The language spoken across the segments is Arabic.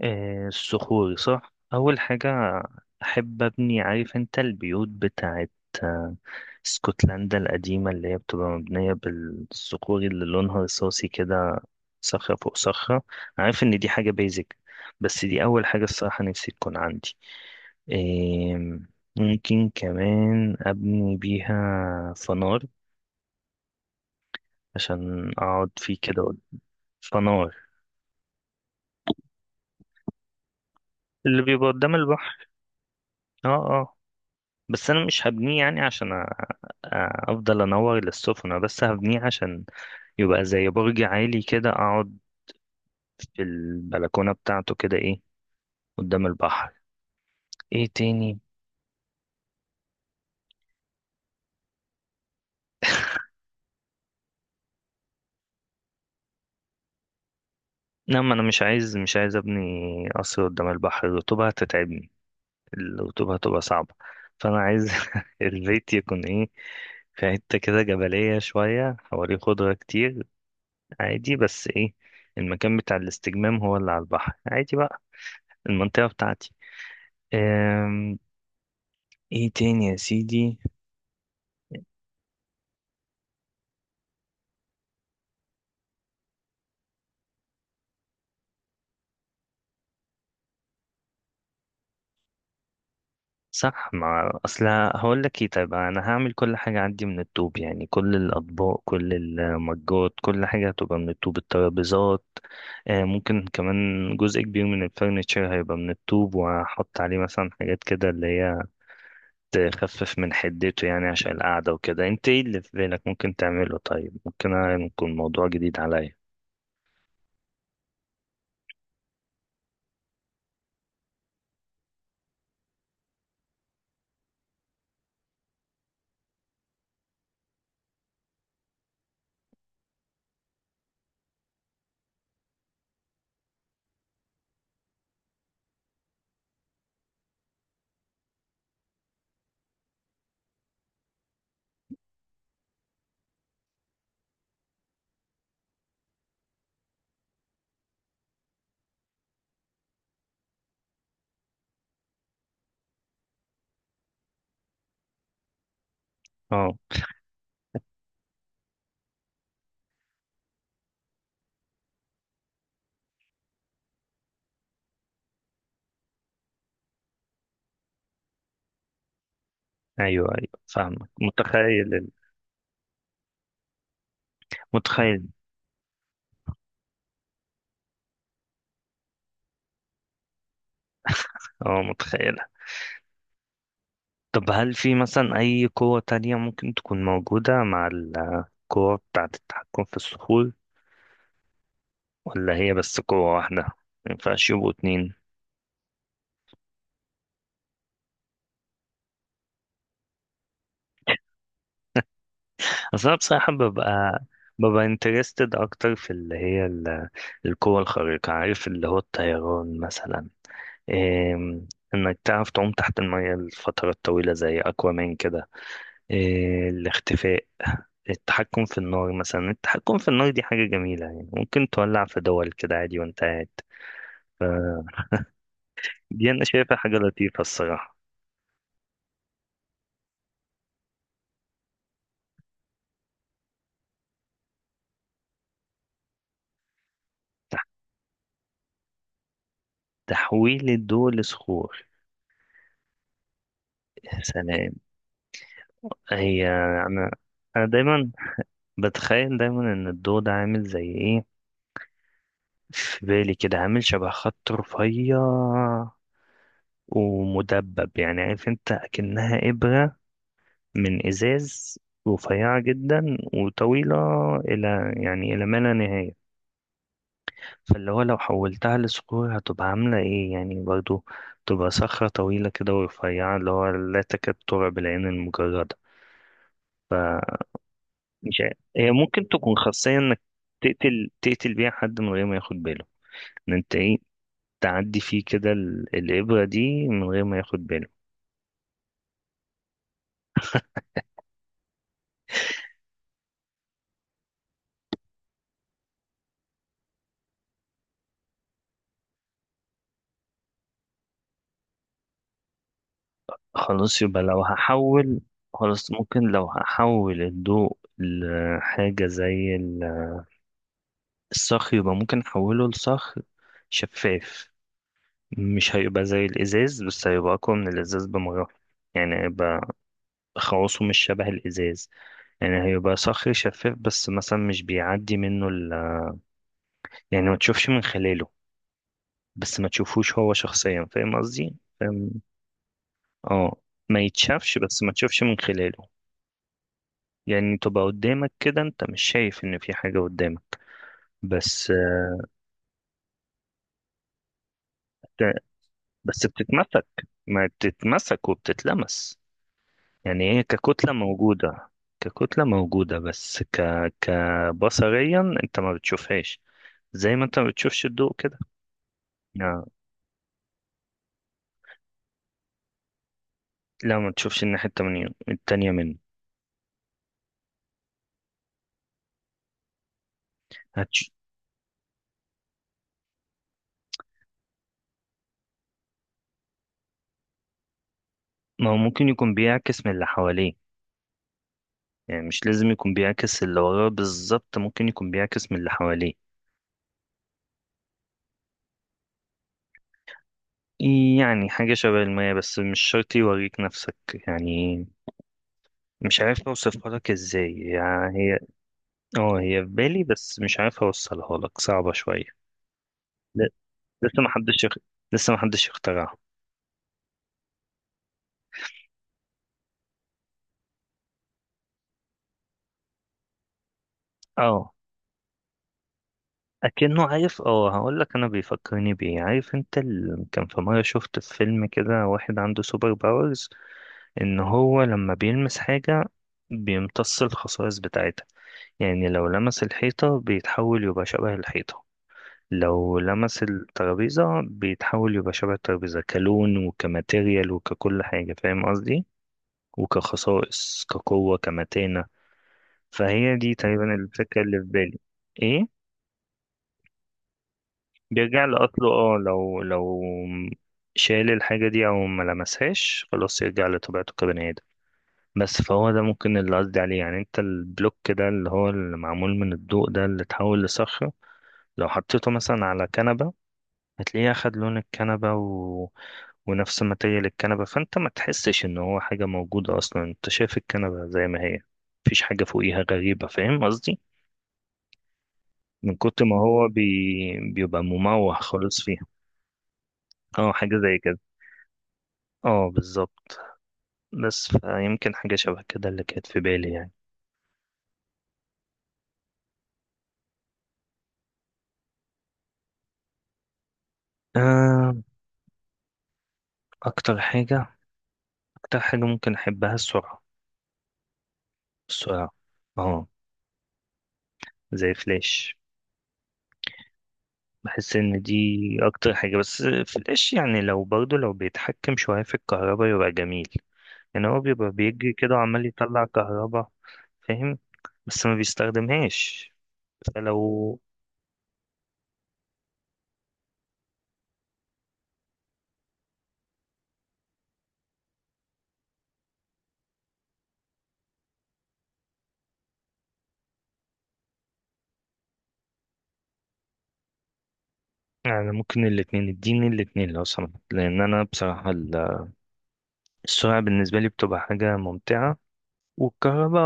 الصخور صح أول حاجة أحب أبني، عارف أنت البيوت بتاعت آه، اسكتلندا القديمة اللي هي بتبقى مبنية بالصخور اللي لونها رصاصي كده، صخرة فوق صخرة. عارف إن دي حاجة بيزك، بس دي أول حاجة الصراحة نفسي تكون عندي. آم، ممكن كمان أبني بيها فنار عشان أقعد فيه كده. فنار اللي بيبقى قدام البحر. اه اه، بس انا مش هبنيه يعني عشان أ- افضل انور للسفن، أنا بس هبنيه عشان يبقى زي برج عالي كده، اقعد في البلكونة بتاعته كده، ايه، قدام البحر. ايه تاني؟ لا، ما انا مش عايز ابني قصر قدام البحر، الرطوبة هتتعبني، الرطوبة هتبقى صعبة. فانا عايز البيت يكون ايه، في حتة كده جبلية شوية، حواليه خضرة كتير عادي، بس ايه، المكان بتاع الاستجمام هو اللي على البحر، عادي بقى المنطقة بتاعتي. ايه تاني يا سيدي؟ صح، ما اصل هقول لك ايه، طيب انا هعمل كل حاجه عندي من الطوب، يعني كل الاطباق كل المجات كل حاجه هتبقى من الطوب، الترابيزات، آه، ممكن كمان جزء كبير من الفرنتشر هيبقى من الطوب، وهحط عليه مثلا حاجات كده اللي هي تخفف من حدته يعني عشان القعده وكده. انت ايه اللي في بالك ممكن تعمله؟ طيب، ممكن أنا- يكون موضوع جديد عليا. اه، ايوه ايوه فاهمك، متخيل، متخيل، اه متخيل. طب هل في مثلا أي قوة تانية ممكن تكون موجودة مع القوة بتاعة التحكم في الصخور، ولا هي بس قوة واحدة؟ مينفعش يبقوا اتنين؟ أصل أنا بصراحة ببقى، ببقى انترستد أكتر في اللي هي ال- القوة الخارقة، عارف، اللي هو الطيران مثلا، إيه، إنك تعرف تعوم تحت المية لفترات طويلة زي أكوامان كده، إيه، الاختفاء، التحكم في النار مثلا، التحكم في النار دي حاجة جميلة، يعني ممكن تولع في دول كده عادي وانت قاعد. ف- دي أنا شايفها حاجة لطيفة الصراحة. تح- تحويل الضوء لصخور؟ يا سلام. هي، أنا أنا دايما بتخيل دايما إن الضوء ده عامل زي إيه، في بالي كده عامل شبه خط رفيع ومدبب، يعني عارف أنت أكنها إبرة من إزاز رفيعة جدا وطويلة، إلى يعني إلى ما لا نهاية. فاللي هو لو حولتها لصخور هتبقى عاملة ايه يعني؟ برضو تبقى صخرة طويلة كده ورفيعة، اللي هو لا تكاد ترى بالعين المجردة. مش عارف، هي ممكن تكون خاصية انك تقتل بيها حد من غير ما ياخد باله، ان انت ايه، تعدي فيه كده ال- الإبرة دي من غير ما ياخد باله. خلاص، يبقى لو هحول، خلاص ممكن لو هحول الضوء لحاجة زي ال- الصخر، يبقى ممكن أحوله لصخر شفاف. مش هيبقى زي الازاز، بس هيبقى اقوى من الازاز بمراحل، يعني هيبقى خواصه مش شبه الازاز، يعني هيبقى صخري شفاف، بس مثلا مش بيعدي منه ال... يعني ما تشوفش من خلاله، بس ما تشوفوش هو شخصيا، فاهم قصدي؟ فاهم. اه، ما يتشافش، بس ما تشوفش من خلاله. يعني تبقى قدامك كده، انت مش شايف ان في حاجة قدامك، بس. بتتمسك، ما بتتمسك وبتتلمس، يعني هي ككتلة موجودة، ككتلة موجودة، بس ك... كبصريا انت ما بتشوفهاش، زي ما انت ما بتشوفش الضوء كده. لا، لا، ما تشوفش الناحية التمانية، التانية منه. هتش... ما هو ممكن يكون بيعكس من اللي حواليه، يعني مش لازم يكون بيعكس اللي وراه بالظبط، ممكن يكون بيعكس من اللي حواليه. يعني حاجة شبه المية، بس مش شرط يوريك نفسك يعني. مش عارف اوصفها لك ازاي، يعني هي، اه، هي في بالي بس مش عارف اوصلها لك، صعبة شوية. لسه ما حدش يخ- لسه ما حدش يخترعها. اه، اكنه عارف، اه هقول لك انا بيفكرني بايه، عارف انت ال... كان في مره شفت في فيلم كده واحد عنده سوبر باورز، ان هو لما بيلمس حاجه بيمتص الخصائص بتاعتها. يعني لو لمس الحيطه بيتحول يبقى شبه الحيطه، لو لمس الترابيزه بيتحول يبقى شبه الترابيزه، كلون وكماتيريال وككل حاجه، فاهم قصدي؟ وكخصائص كقوه كمتانه. فهي دي تقريبا الفكره اللي في بالي. ايه؟ بيرجع لأصله، اه، لو لو شال الحاجة دي أو ما لمسهاش خلاص يرجع لطبيعته كبني آدم. بس فهو ده ممكن اللي قصدي عليه، يعني انت البلوك ده اللي هو اللي معمول من الضوء ده اللي اتحول لصخرة، لو حطيته مثلا على كنبة هتلاقيه أخد لون الكنبة و... ونفس ماتيريال الكنبة، فانت ما تحسش ان هو حاجة موجودة أصلا، انت شايف الكنبة زي ما هي، مفيش حاجة فوقيها غريبة، فاهم قصدي؟ من كتر ما هو بي... بيبقى مموه خالص فيها. اه حاجة زي كده. اه بالظبط، بس يمكن حاجة شبه كده اللي كانت في بالي يعني. آه، أكتر حاجة، أكتر حاجة ممكن أحبها السرعة. السرعة، اه، زي فلاش. بحس إن دي أكتر حاجة، بس فلاش يعني لو برضه لو بيتحكم شوية في الكهرباء يبقى جميل، يعني هو بيبقى بيجري كده وعمال يطلع كهرباء، فاهم، بس ما بيستخدمهاش. فلو، يعني ممكن الاتنين، اديني الاتنين لو سمحت، لأن أنا بصراحة ال- السرعة بالنسبة لي بتبقى حاجة ممتعة، والكهرباء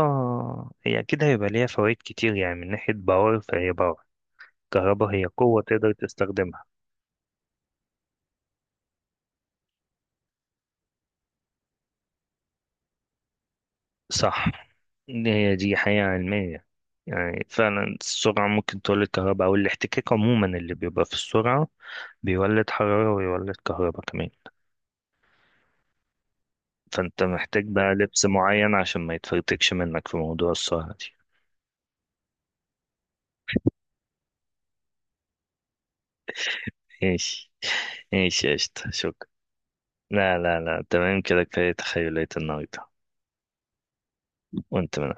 هي أكيد هيبقى ليها فوائد كتير، يعني من ناحية باور، فهي باور، الكهرباء هي قوة تقدر تستخدمها. صح، إن هي دي حقيقة علمية، يعني فعلا السرعة ممكن تولد كهرباء، أو الاحتكاك عموما اللي بيبقى في السرعة بيولد حرارة ويولد كهرباء كمان. فأنت محتاج بقى لبس معين عشان ما يتفرتكش منك في موضوع السرعة دي. ماشي، ماشي يا قشطة، شكرا. لا لا لا، تمام كده، كفاية تخيلات النهاردة. وأنت من